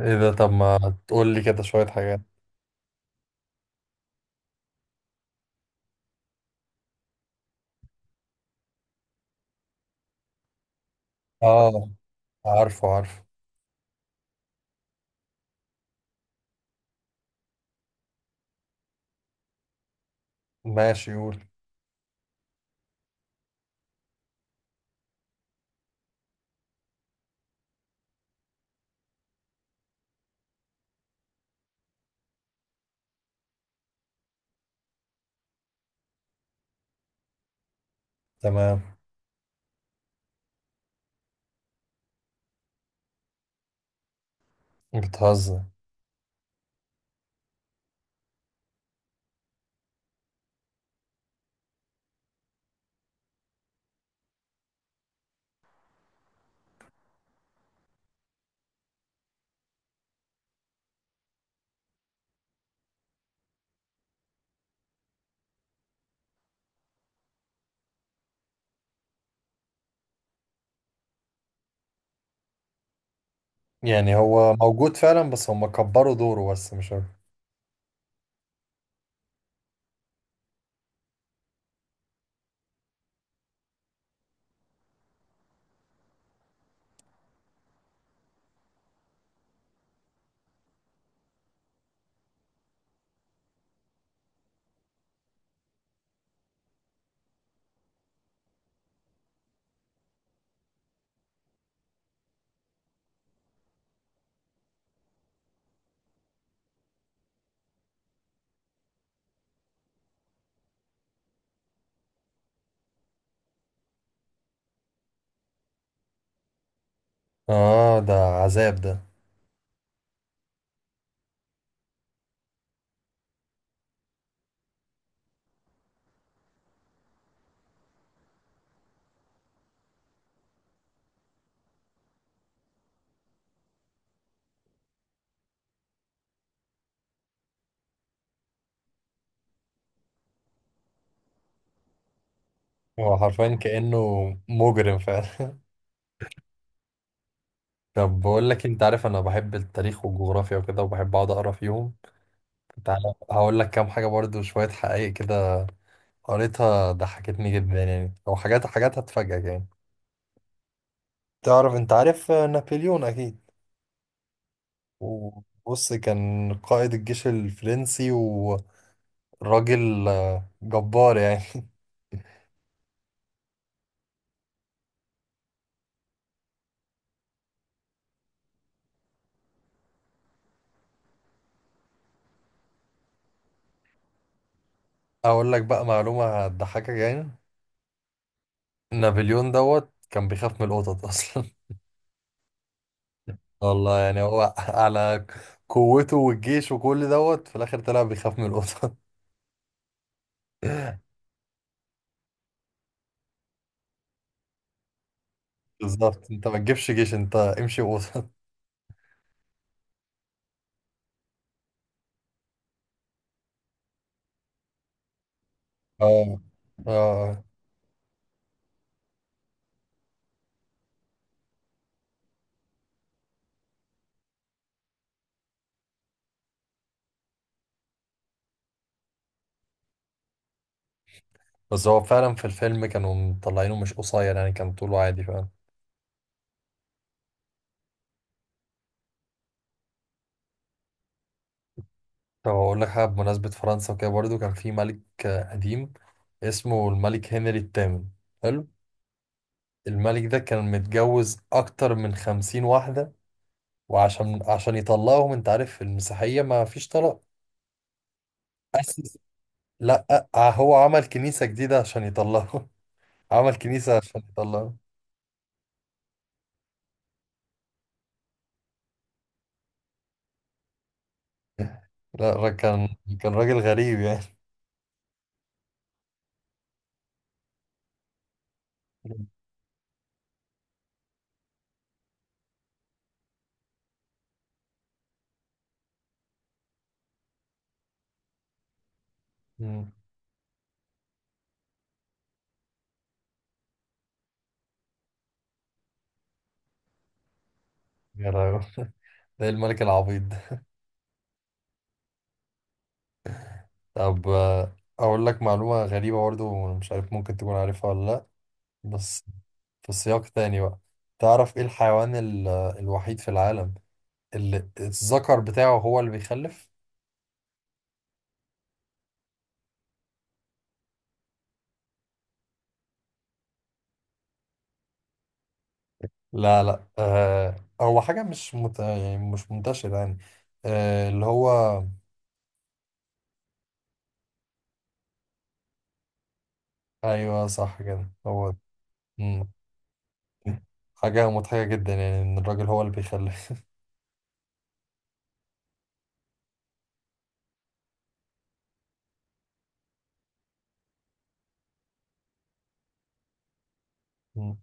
ايه ده؟ طب ما تقول لي كده شوية حاجات. اه، عارفه عارفه. ماشي قول. تمام. بتهزر؟ يعني هو موجود فعلا بس هم كبروا دوره، بس مش عارف. اه، ده عذاب ده. هو حرفيا كأنه مجرم فعلا. طب بقول لك إيه، انت عارف انا بحب التاريخ والجغرافيا وكده وبحب اقعد اقرا فيهم. تعالى هقول لك كام حاجة برضو، شوية حقائق كده قريتها ضحكتني جدا يعني، او حاجات هتفاجئك يعني. تعرف، انت عارف نابليون اكيد. وبص، كان قائد الجيش الفرنسي وراجل جبار يعني. اقول لك بقى معلومة هتضحكك يعني. نابليون دوت كان بيخاف من القطط اصلا. والله يعني هو على قوته والجيش وكل دوت، في الاخر طلع بيخاف من القطط. بالظبط، انت ما تجيبش جيش، انت امشي قطط. اه. اه، بس هو فعلا في الفيلم كانوا مطلعينه مش قصير، يعني كان طوله عادي. طب أقول لك حاجة بمناسبة فرنسا وكده برضو. كان في ملك قديم اسمه الملك هنري الثامن. حلو. الملك ده كان متجوز أكتر من 50 واحدة. وعشان يطلقهم، أنت عارف المسيحية ما فيش طلاق. أسس، لأ هو عمل كنيسة جديدة عشان يطلقهم. عمل كنيسة عشان يطلقهم. لا، كان، كان راجل غريب يعني. مم. يا لهوي، ده إيه الملك العبيط ده؟ طب أقول لك معلومة غريبة برضو، مش عارف ممكن تكون عارفها ولا لأ، بس في سياق تاني بقى. تعرف ايه الحيوان الوحيد في العالم اللي الذكر بتاعه هو اللي بيخلف؟ لا لا، آه، هو حاجة مش مت... يعني مش منتشرة يعني. آه اللي هو، ايوه صح كده هو. مم. حاجة مضحكة جدا يعني ان الراجل هو اللي بيخلف. مم.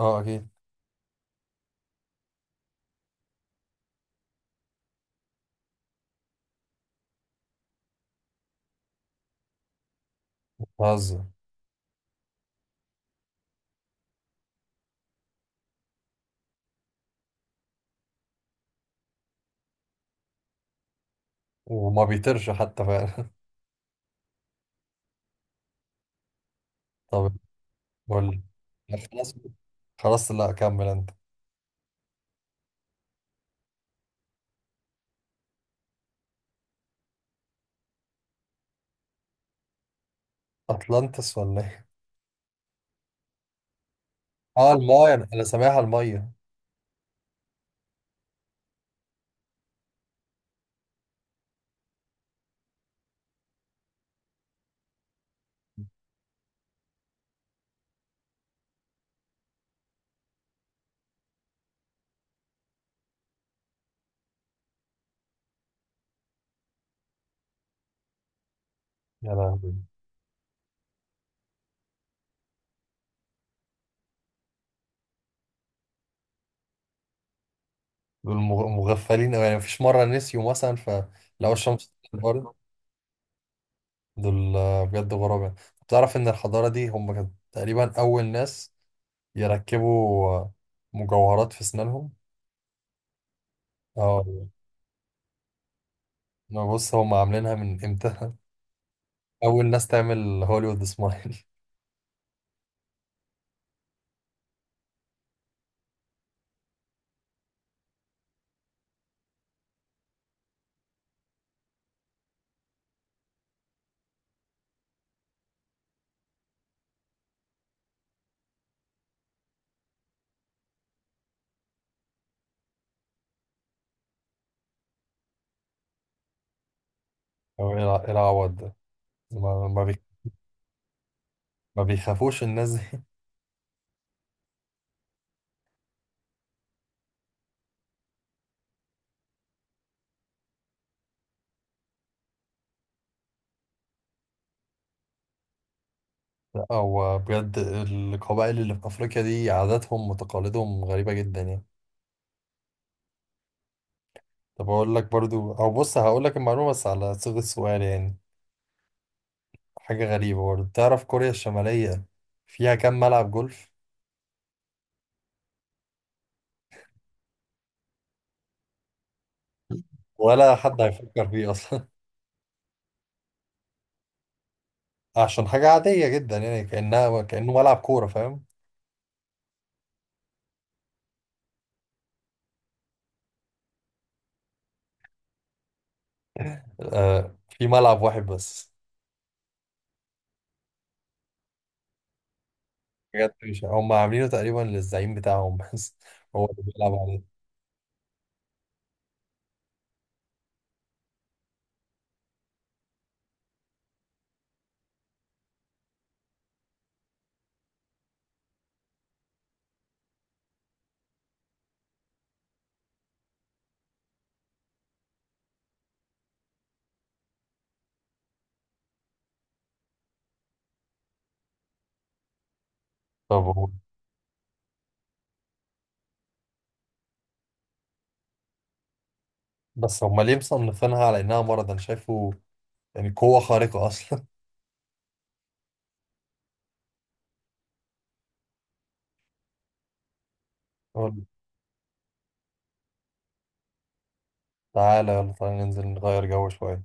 اه اكيد. بهزر؟ وما بيطيرش حتى فعلا. طب قول لي. خلاص خلاص، لا كمل انت. اطلانتس ولا ايه؟ اه المايه، أنا سامعها المايه. يا لهوي. دول مغفلين أوي يعني، مفيش مرة نسيوا مثلا فلقوا الشمس طلعت برضه؟ دول بجد غراب يعني. تعرف إن الحضارة دي هم كانوا تقريبا أول ناس يركبوا مجوهرات في أسنانهم؟ اه. ما بص، هم عاملينها من إمتى. أول ناس تعمل هوليوود سمايل. أو إيه إيه العوض ده؟ ما ما بي- ما بيخافوش الناس دي؟ أو بجد القبائل اللي في أفريقيا دي عاداتهم وتقاليدهم غريبة جدا يعني. طب اقول لك برضو، او بص هقول لك المعلومه بس على صيغه سؤال يعني. حاجه غريبه برضو، تعرف كوريا الشماليه فيها كام ملعب جولف؟ ولا حد هيفكر فيه اصلا. عشان حاجه عاديه جدا يعني، كانه ملعب كوره فاهم. آه في ملعب واحد بس. بجد؟ مش هم عاملينه تقريبا للزعيم بتاعهم بس، هو اللي بيلعب عليه. طب هو، بس هم ليه مصنفينها على انها مرض؟ انا شايفه يعني قوه خارقه اصلا. قول. تعالى يلا، تعالى ننزل نغير جو شويه.